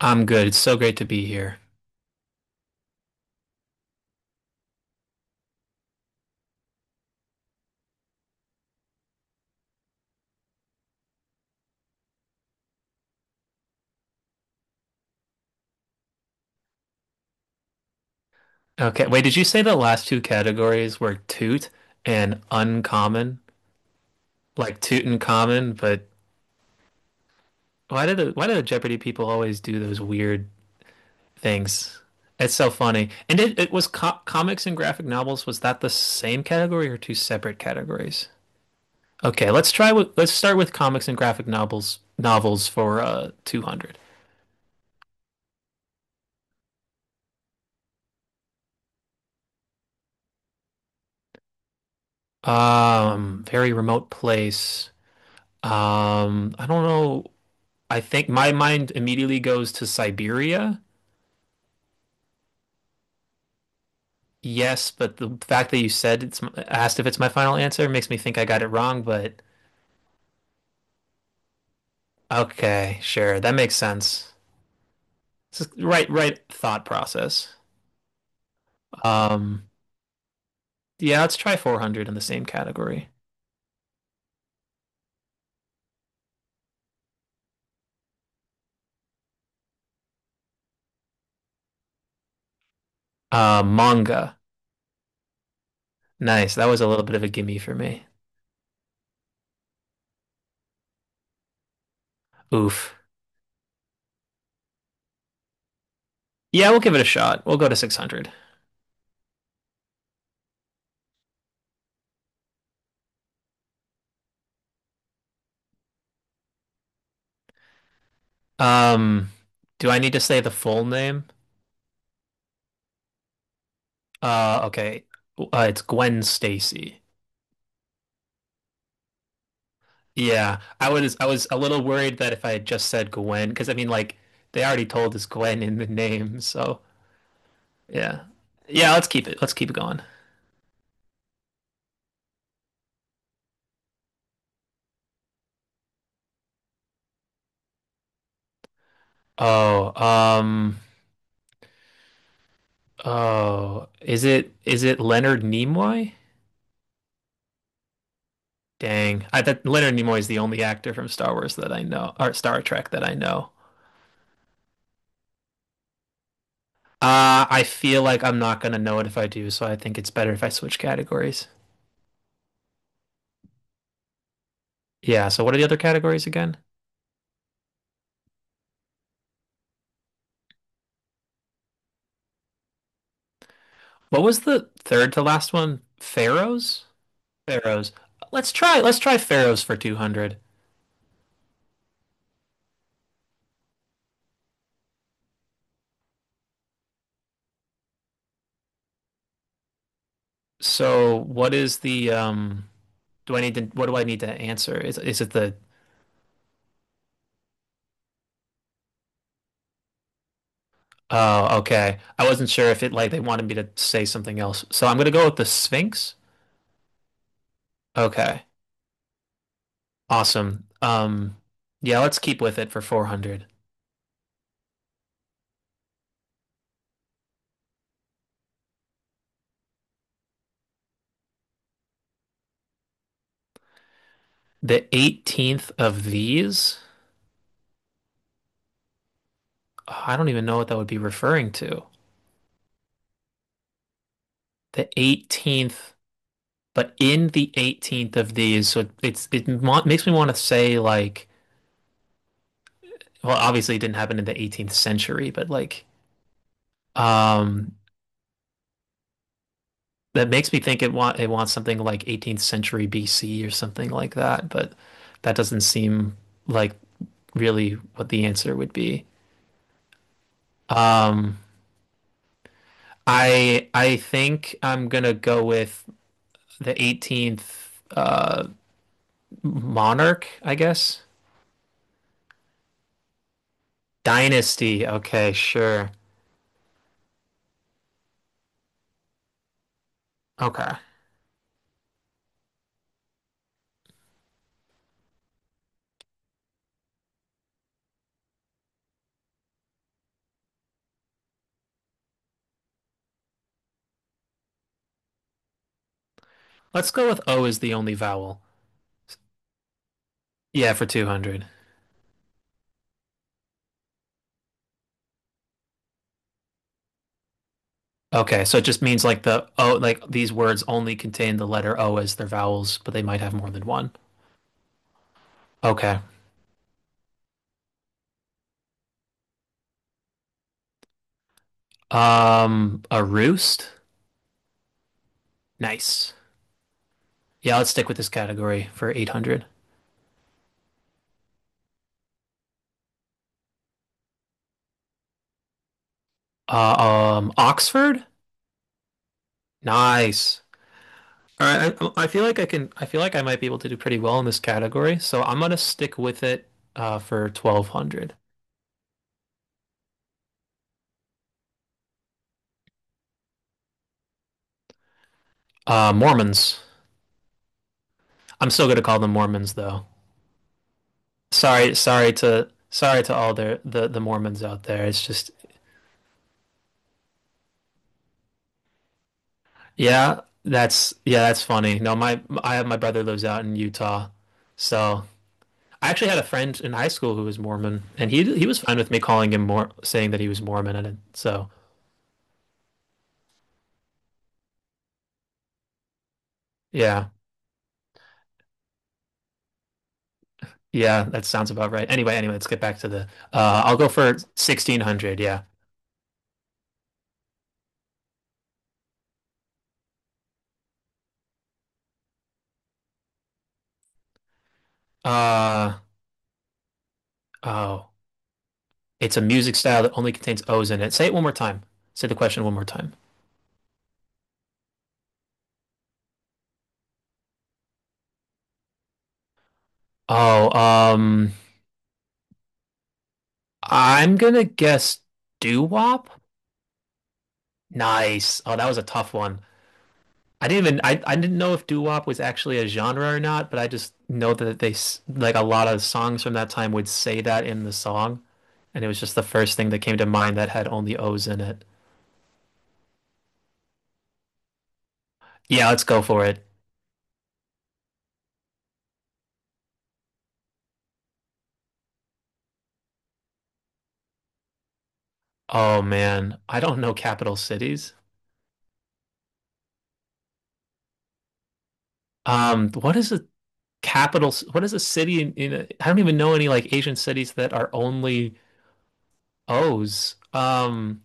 I'm good. It's so great to be here. Okay, wait, did you say the last two categories were toot and uncommon? Like toot and common, but why do the Jeopardy people always do those weird things? It's so funny. And it was co comics and graphic novels. Was that the same category or two separate categories? Okay, let's start with comics and graphic novels for 200. Very remote place. I don't know. I think my mind immediately goes to Siberia. Yes, but the fact that you said it's asked if it's my final answer makes me think I got it wrong, but okay, sure. That makes sense. It's just right thought process. Um yeah, let's try 400 in the same category. Manga. Nice. That was a little bit of a gimme for me. Oof. Yeah, we'll give it a shot. We'll go to 600. Um do I need to say the full name? Okay. It's Gwen Stacy. Yeah, I was a little worried that if I had just said Gwen, because I mean, like they already told us Gwen in the name, so yeah, yeah. Let's keep it. Let's keep it going. Oh, oh, is it Leonard Nimoy? Dang, I thought Leonard Nimoy is the only actor from Star Wars that I know, or Star Trek that I know. I feel like I'm not gonna know it if I do, so I think it's better if I switch categories. Yeah. So what are the other categories again? What was the third to last one? Pharaohs? Pharaohs. Let's try Pharaohs for 200. So what is the do I need to What do I need to answer? Is it the. Oh, okay. I wasn't sure if it like they wanted me to say something else. So I'm gonna go with the Sphinx. Okay. Awesome. Yeah, let's keep with it for 400. The 18th of these? Oh, I don't even know what that would be referring to. The 18th, but in the 18th of these, so it makes me want to say like well, obviously it didn't happen in the 18th century, but um that makes me think it wants something like 18th century BC or something like that, but that doesn't seem like really what the answer would be. Um I think I'm gonna go with the 18th uh monarch, I guess. Dynasty. Okay, sure. Okay. Let's go with O is the only vowel. Yeah, for 200. Okay, so it just means like the O, like these words only contain the letter O as their vowels, but they might have more than one. Okay. A roost? Nice. Yeah, let's stick with this category for 800. Uh, Oxford? Nice. All right, I feel like I can, I feel like I might be able to do pretty well in this category, so I'm gonna stick with it for 1200. Mormons. I'm still gonna call them Mormons though. Sorry, sorry to all the Mormons out there. It's just. Yeah, that's funny. No, my I have my brother lives out in Utah. So I actually had a friend in high school who was Mormon and he was fine with me calling him more saying that he was Mormon so yeah. Yeah, that sounds about right. Anyway, let's get back to the I'll go for 1600, yeah. Uh oh. It's a music style that only contains O's in it. Say it one more time. Say the question one more time. Oh, I'm gonna guess doo-wop. Nice. Oh, that was a tough one. I didn't know if doo wop was actually a genre or not, but I just know that like a lot of songs from that time would say that in the song, and it was just the first thing that came to mind that had only O's in it. Yeah, let's go for it. Oh man, I don't know capital cities. What is a capital? What is a city in a, I don't even know any like Asian cities that are only O's.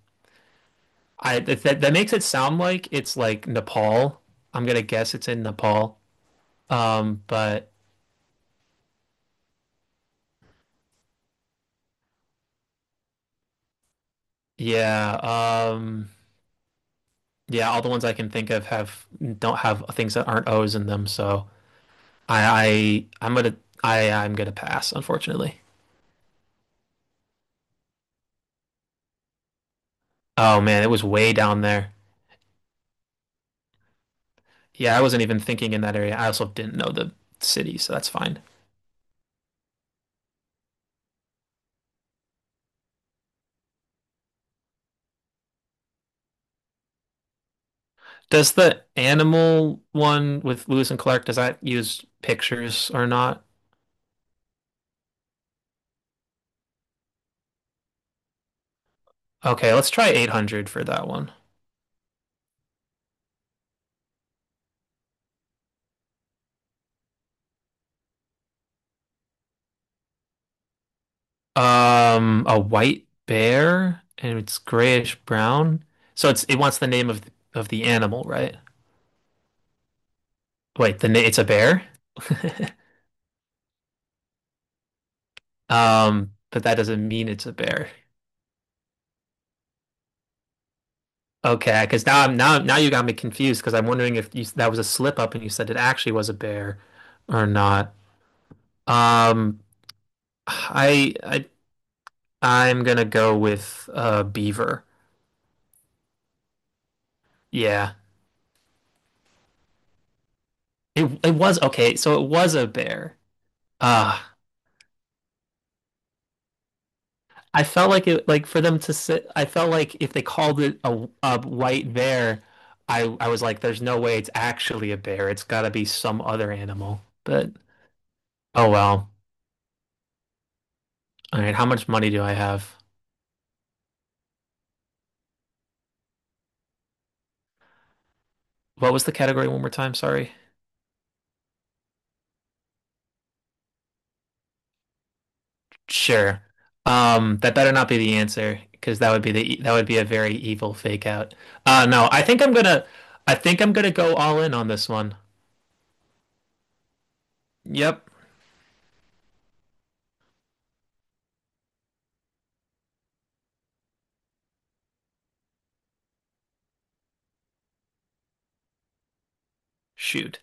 I that that that makes it sound like it's like Nepal. I'm gonna guess it's in Nepal. But. Yeah, yeah, all the ones I can think of have don't have things that aren't O's in them, so I, I I'm gonna I'm gonna pass, unfortunately. Oh man, it was way down there. Yeah, I wasn't even thinking in that area. I also didn't know the city, so that's fine. Does the animal one with Lewis and Clark, does that use pictures or not? Okay, let's try 800 for that one. A white bear and it's grayish brown. So it wants the name of the animal, right? Wait, the na it's a bear? But that doesn't mean it's a bear. Okay, because now I'm now now you got me confused because I'm wondering if you, that was a slip up and you said it actually was a bear or not. Um, I I I'm gonna go with beaver. Yeah, it was okay. So it was a bear. Ah. I felt like it, like for them to sit, I felt like if they called it a white bear, I was like, there's no way it's actually a bear. It's got to be some other animal. But oh well. All right, how much money do I have? What was the category one more time? Sorry. Sure. That better not be the answer because that would be that would be a very evil fake out. No, I think I'm gonna go all in on this one. Yep. Shoot.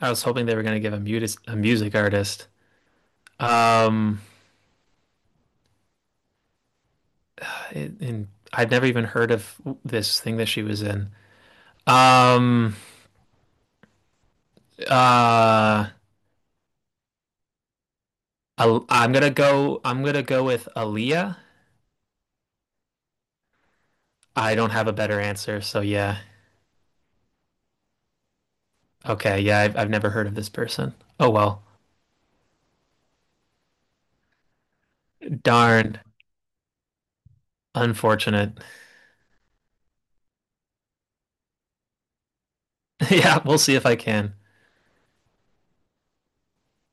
I was hoping they were gonna give a music artist. Um. And I've never even heard of this thing that she was in. Um, uh, I'm gonna go. I'm gonna go with Aaliyah. I don't have a better answer, so yeah. Okay, yeah, I've never heard of this person. Oh well, darn, unfortunate. Yeah, we'll see if I can.